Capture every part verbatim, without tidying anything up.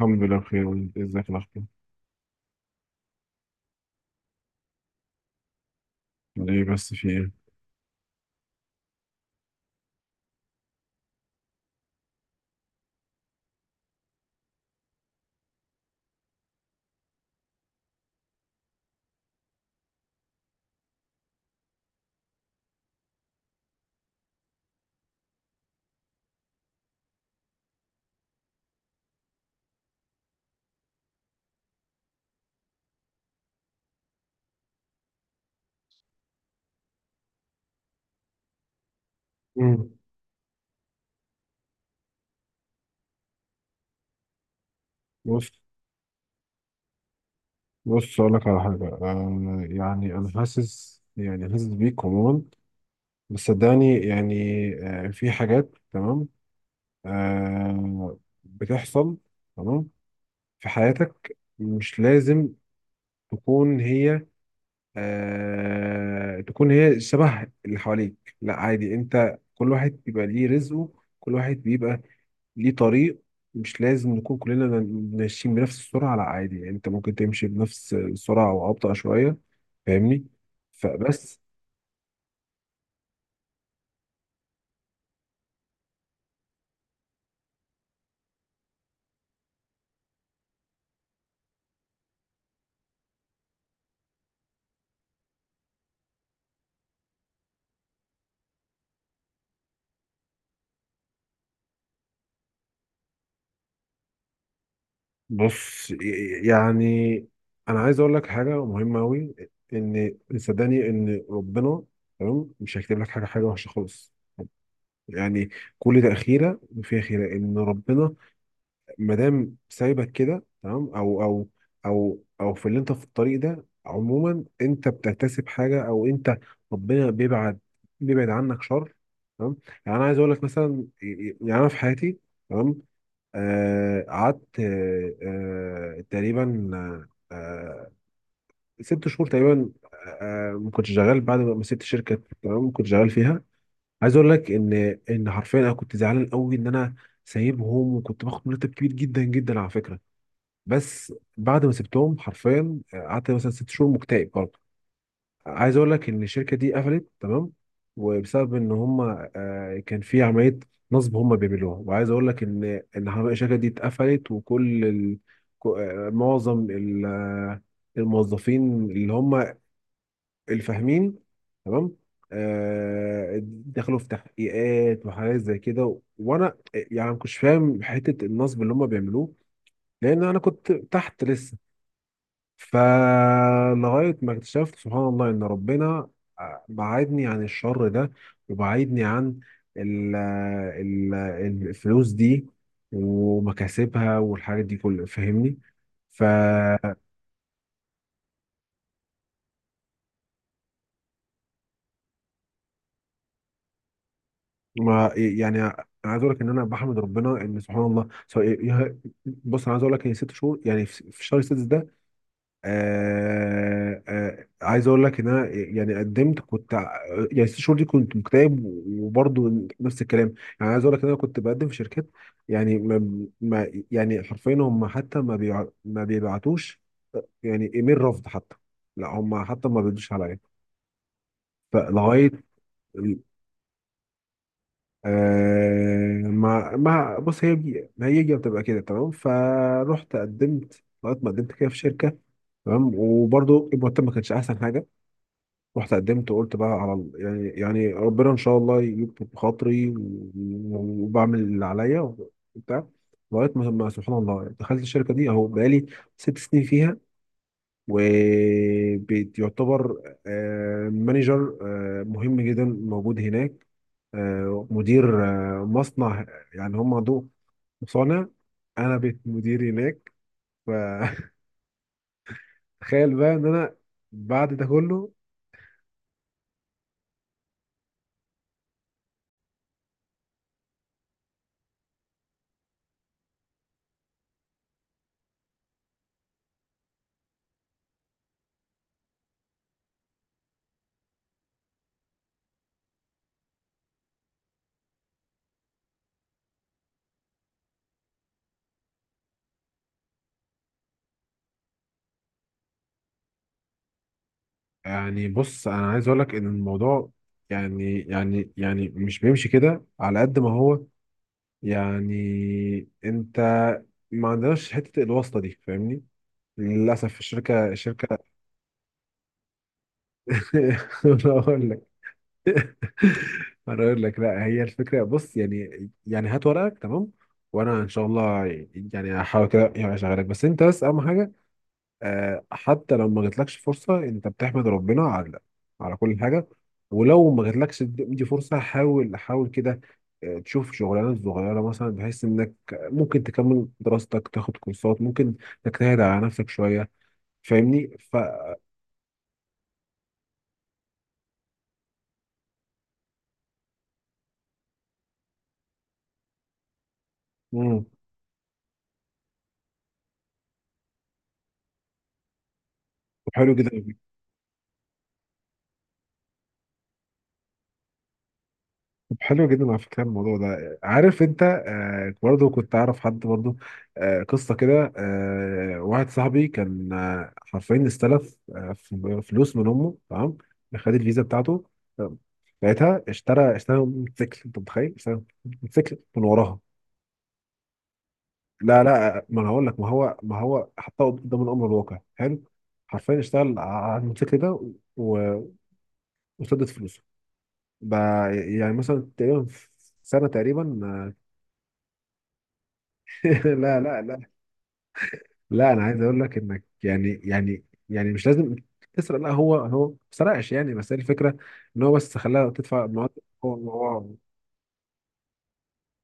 الحمد لله بخير، وانت ازيك؟ الاخبار؟ ليه بس؟ في ايه؟ مم. بص، بص اقول لك على حاجه، آه يعني انا حاسس، يعني حاسس بيك عموما. بس صدقني، يعني آه في حاجات تمام. آه بتحصل. تمام. في حياتك مش لازم تكون هي آه تكون هي شبه اللي حواليك. لا عادي، انت كل واحد بيبقى ليه رزقه، كل واحد بيبقى ليه طريق. مش لازم نكون كلنا ماشيين بنفس السرعة. لا عادي، يعني انت ممكن تمشي بنفس السرعة او ابطأ شوية. فاهمني؟ فبس. بص، يعني انا عايز اقول لك حاجة مهمة اوي، ان صدقني ان ربنا، تمام، مش هيكتب لك حاجة حاجة وحشة خالص. يعني كل تأخيرة فيها خيرة. ان ربنا ما دام سايبك كده تمام، او او او او في اللي انت في الطريق ده، عموما انت بتكتسب حاجه، او انت ربنا بيبعد بيبعد عنك شر، تمام. يعني انا عايز اقول لك مثلا، يعني انا في حياتي، تمام، آه، قعدت، آه آه تقريبا آه آه، ست شهور تقريبا، آه آه، ما كنتش شغال بعد ما ما سبت الشركه، تمام كنت شغال فيها. عايز اقول لك ان ان حرفيا انا كنت زعلان قوي ان انا سايبهم، وكنت باخد مرتب كبير جدا جدا على فكره. بس بعد ما سبتهم حرفيا قعدت مثلا ست شهور مكتئب برضه. عايز اقول لك ان الشركه دي قفلت، تمام. وبسبب ان هم آه، كان في عمليه نصب هم بيعملوها. وعايز اقول لك ان ان حرفياً الشركه دي اتقفلت، وكل ال... كو- آه، معظم ال- آه، الموظفين اللي هم الفاهمين، تمام. آه، دخلوا في تحقيقات وحاجات زي كده. وانا آه، يعني ما كنتش فاهم حته النصب اللي هم بيعملوه، لان انا كنت تحت لسه. فلغاية ما اكتشفت سبحان الله إن ربنا بعدني عن الشر ده، وبعدني عن ال ال الفلوس دي ومكاسبها والحاجات دي كلها. فاهمني؟ ف ما يعني انا عايز اقول لك ان انا بحمد ربنا ان سبحان الله. سواء- بص، انا عايز اقول لك ان ست شهور يعني في في شهر سته ده، آه آه عايز اقول لك ان انا يعني قدمت، كنت ع- يعني الست شهور دي كنت مكتئب وبرضه نفس الكلام. يعني عايز اقول لك ان انا كنت بقدم في شركات. يعني ما ما يعني حرفيا هم حتى ما بيع ما بيبعتوش يعني ايميل رفض حتى. لا هم حتى ما بيردوش عليا. فلغايه آه ما ما بص، هي بي- ما هي هي بتبقى كده، تمام. فرحت قدمت لغايه ما قدمت كده في شركه، تمام. وبرضه المرتب ما كانش احسن حاجه. رحت قدمت وقلت بقى على ال- يعني يعني ربنا ان شاء الله يكتب خاطري، و- وبعمل اللي عليا وبتاع. لغايه ما ما سبحان الله يعني دخلت الشركه دي اهو. بقالي ست سنين فيها. وبيعتبر آه، مانجر آه، مهم جدا موجود هناك، آه، مدير آه، مصنع. يعني هم عندهم مصانع. انا بقيت مدير هناك. فتخيل بقى ان انا بعد ده كله. يعني بص، انا عايز اقول لك ان الموضوع يعني يعني يعني مش بيمشي كده على قد ما هو. يعني انت ما عندناش حته الواسطه دي، فاهمني. للاسف الشركه الشركه انا اقول لك انا اقول لك لا، هي الفكره، بص، يعني يعني هات ورقك، تمام، وانا ان شاء الله يعني هحاول كده يعني اشغلك. بس انت، بس اهم حاجه، آه، حتى لو ما جاتلكش فرصة انت بتحمد ربنا على على كل حاجة. ولو ما جاتلكش دي دي فرصة، حاول حاول كده، آه، تشوف شغلانة صغيرة مثلا بحيث انك ممكن تكمل دراستك، تاخد كورسات، ممكن تجتهد على نفسك شوية. فاهمني؟ ف مم. حلو جدا. طب حلو جدا، على فكره الموضوع ده. عارف انت، آه برضه كنت اعرف حد برضه آه قصه كده. آه واحد صاحبي كان، آه حرفيا استلف، آه ف- فلوس من امه، تمام. خد الفيزا بتاعته، آه، لقيتها اشترى اشترى موتوسيكل. انت متخيل؟ اشترى موتوسيكل من وراها. لا لا، ما انا هقول لك، ما هو ما هو حطها قدام الامر الواقع. حلو، حرفيا اشتغل على الموتوسيكل ده و- وسدد فلوسه بقى، يعني مثلا تقريبا في سنه تقريبا، آه، لا لا لا، لا انا عايز اقول لك انك يعني يعني يعني مش لازم تسرق. لا، هو هو ما سرقش، يعني بس هي الفكره ان هو بس خلاها تدفع مواد. هو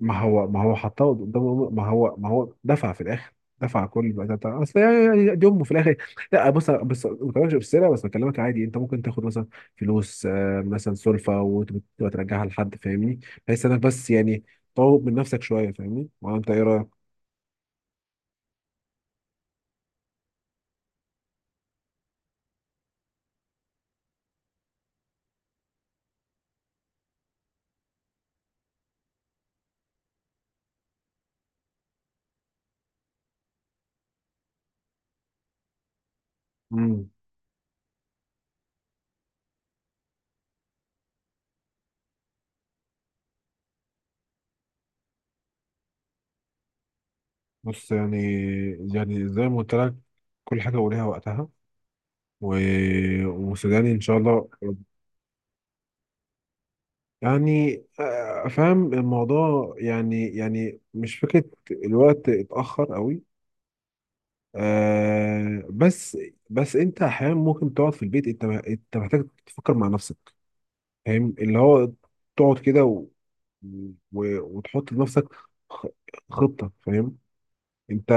ما هو ما هو ما هو حطها قدامه، ما هو ما هو دفع في الاخر، دفع كل بقى ده بتاع- اصل يعني يعني دي امه في الاخر. لا بص، بس ما بكلمكش بالسرقه، بس بكلمك عادي انت ممكن تاخد مثلا فلوس، آه، مثلا سلفه وتبقى ترجعها لحد، فاهمني، بحيث انك بس يعني تطور من نفسك شويه. فاهمني؟ ولا انت ايه رايك؟ بص، يعني يعني زي ما قلت لك كل حاجة وليها وقتها، و... وسوداني إن شاء الله. يعني آه، فاهم الموضوع. يعني يعني مش فكرة الوقت اتأخر قوي. آه بس بس أنت أحيانا ممكن تقعد في البيت. أنت أنت محتاج تفكر مع نفسك، فاهم اللي هو تقعد كده و... و... وتحط لنفسك خ- خطة، فاهم أنت؟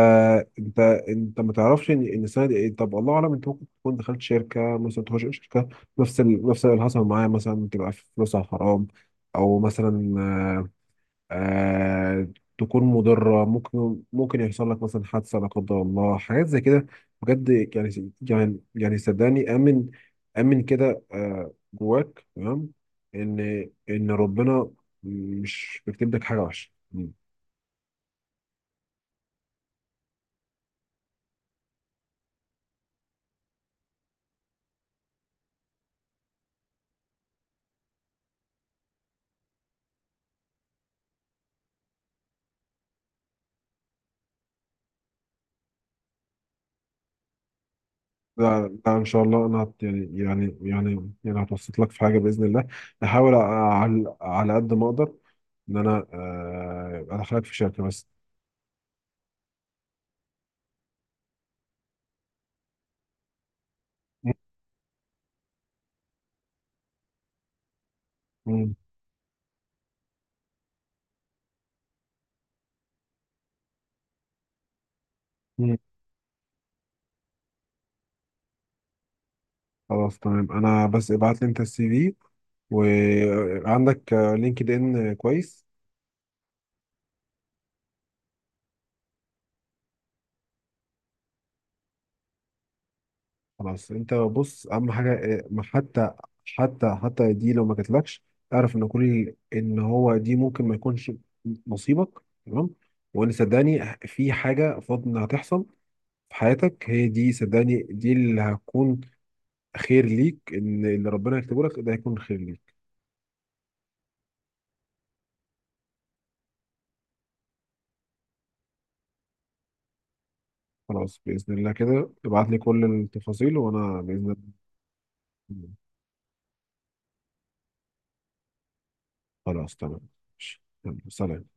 انت انت ما تعرفش ان ان السنه دي ايه. طب الله اعلم، انت ممكن تكون دخلت شركه، مثلا تخش شركه نفس ال... نفس اللي حصل معايا، مثلا تبقى فلوسها حرام، او مثلا آه... آه... تكون مضره، ممكن ممكن يحصل لك مثلا حادثه لا قدر الله، حاجات زي كده بجد. يعني يعني يعني صدقني، امن امن كده آه... جواك، تمام، ان ان ربنا مش بيكتب لك حاجه وحشه. لا لا، ان شاء الله انا هت- يعني يعني يعني يعني هتوسط لك في حاجه باذن الله، احاول على على قد ما اقدر ان انا، آه، ادخلك في شركه بس. م- م- م. خلاص تمام، انا بس ابعت لي انت السي في، وعندك لينكد ان كويس. خلاص، انت بص اهم حاجه، آه، ما حتى حتى حتى دي لو ما جاتلكش اعرف ان كل ان هو دي ممكن ما يكونش نصيبك، تمام. وان صدقني في حاجه فاضل انها تحصل في حياتك، هي دي صدقني، دي اللي هتكون خير ليك، ان اللي ربنا يكتبه لك ده هيكون خير ليك. خلاص باذن الله كده، ابعت لي كل التفاصيل وانا باذن الله. خلاص تمام، ماشي. يلا، سلام.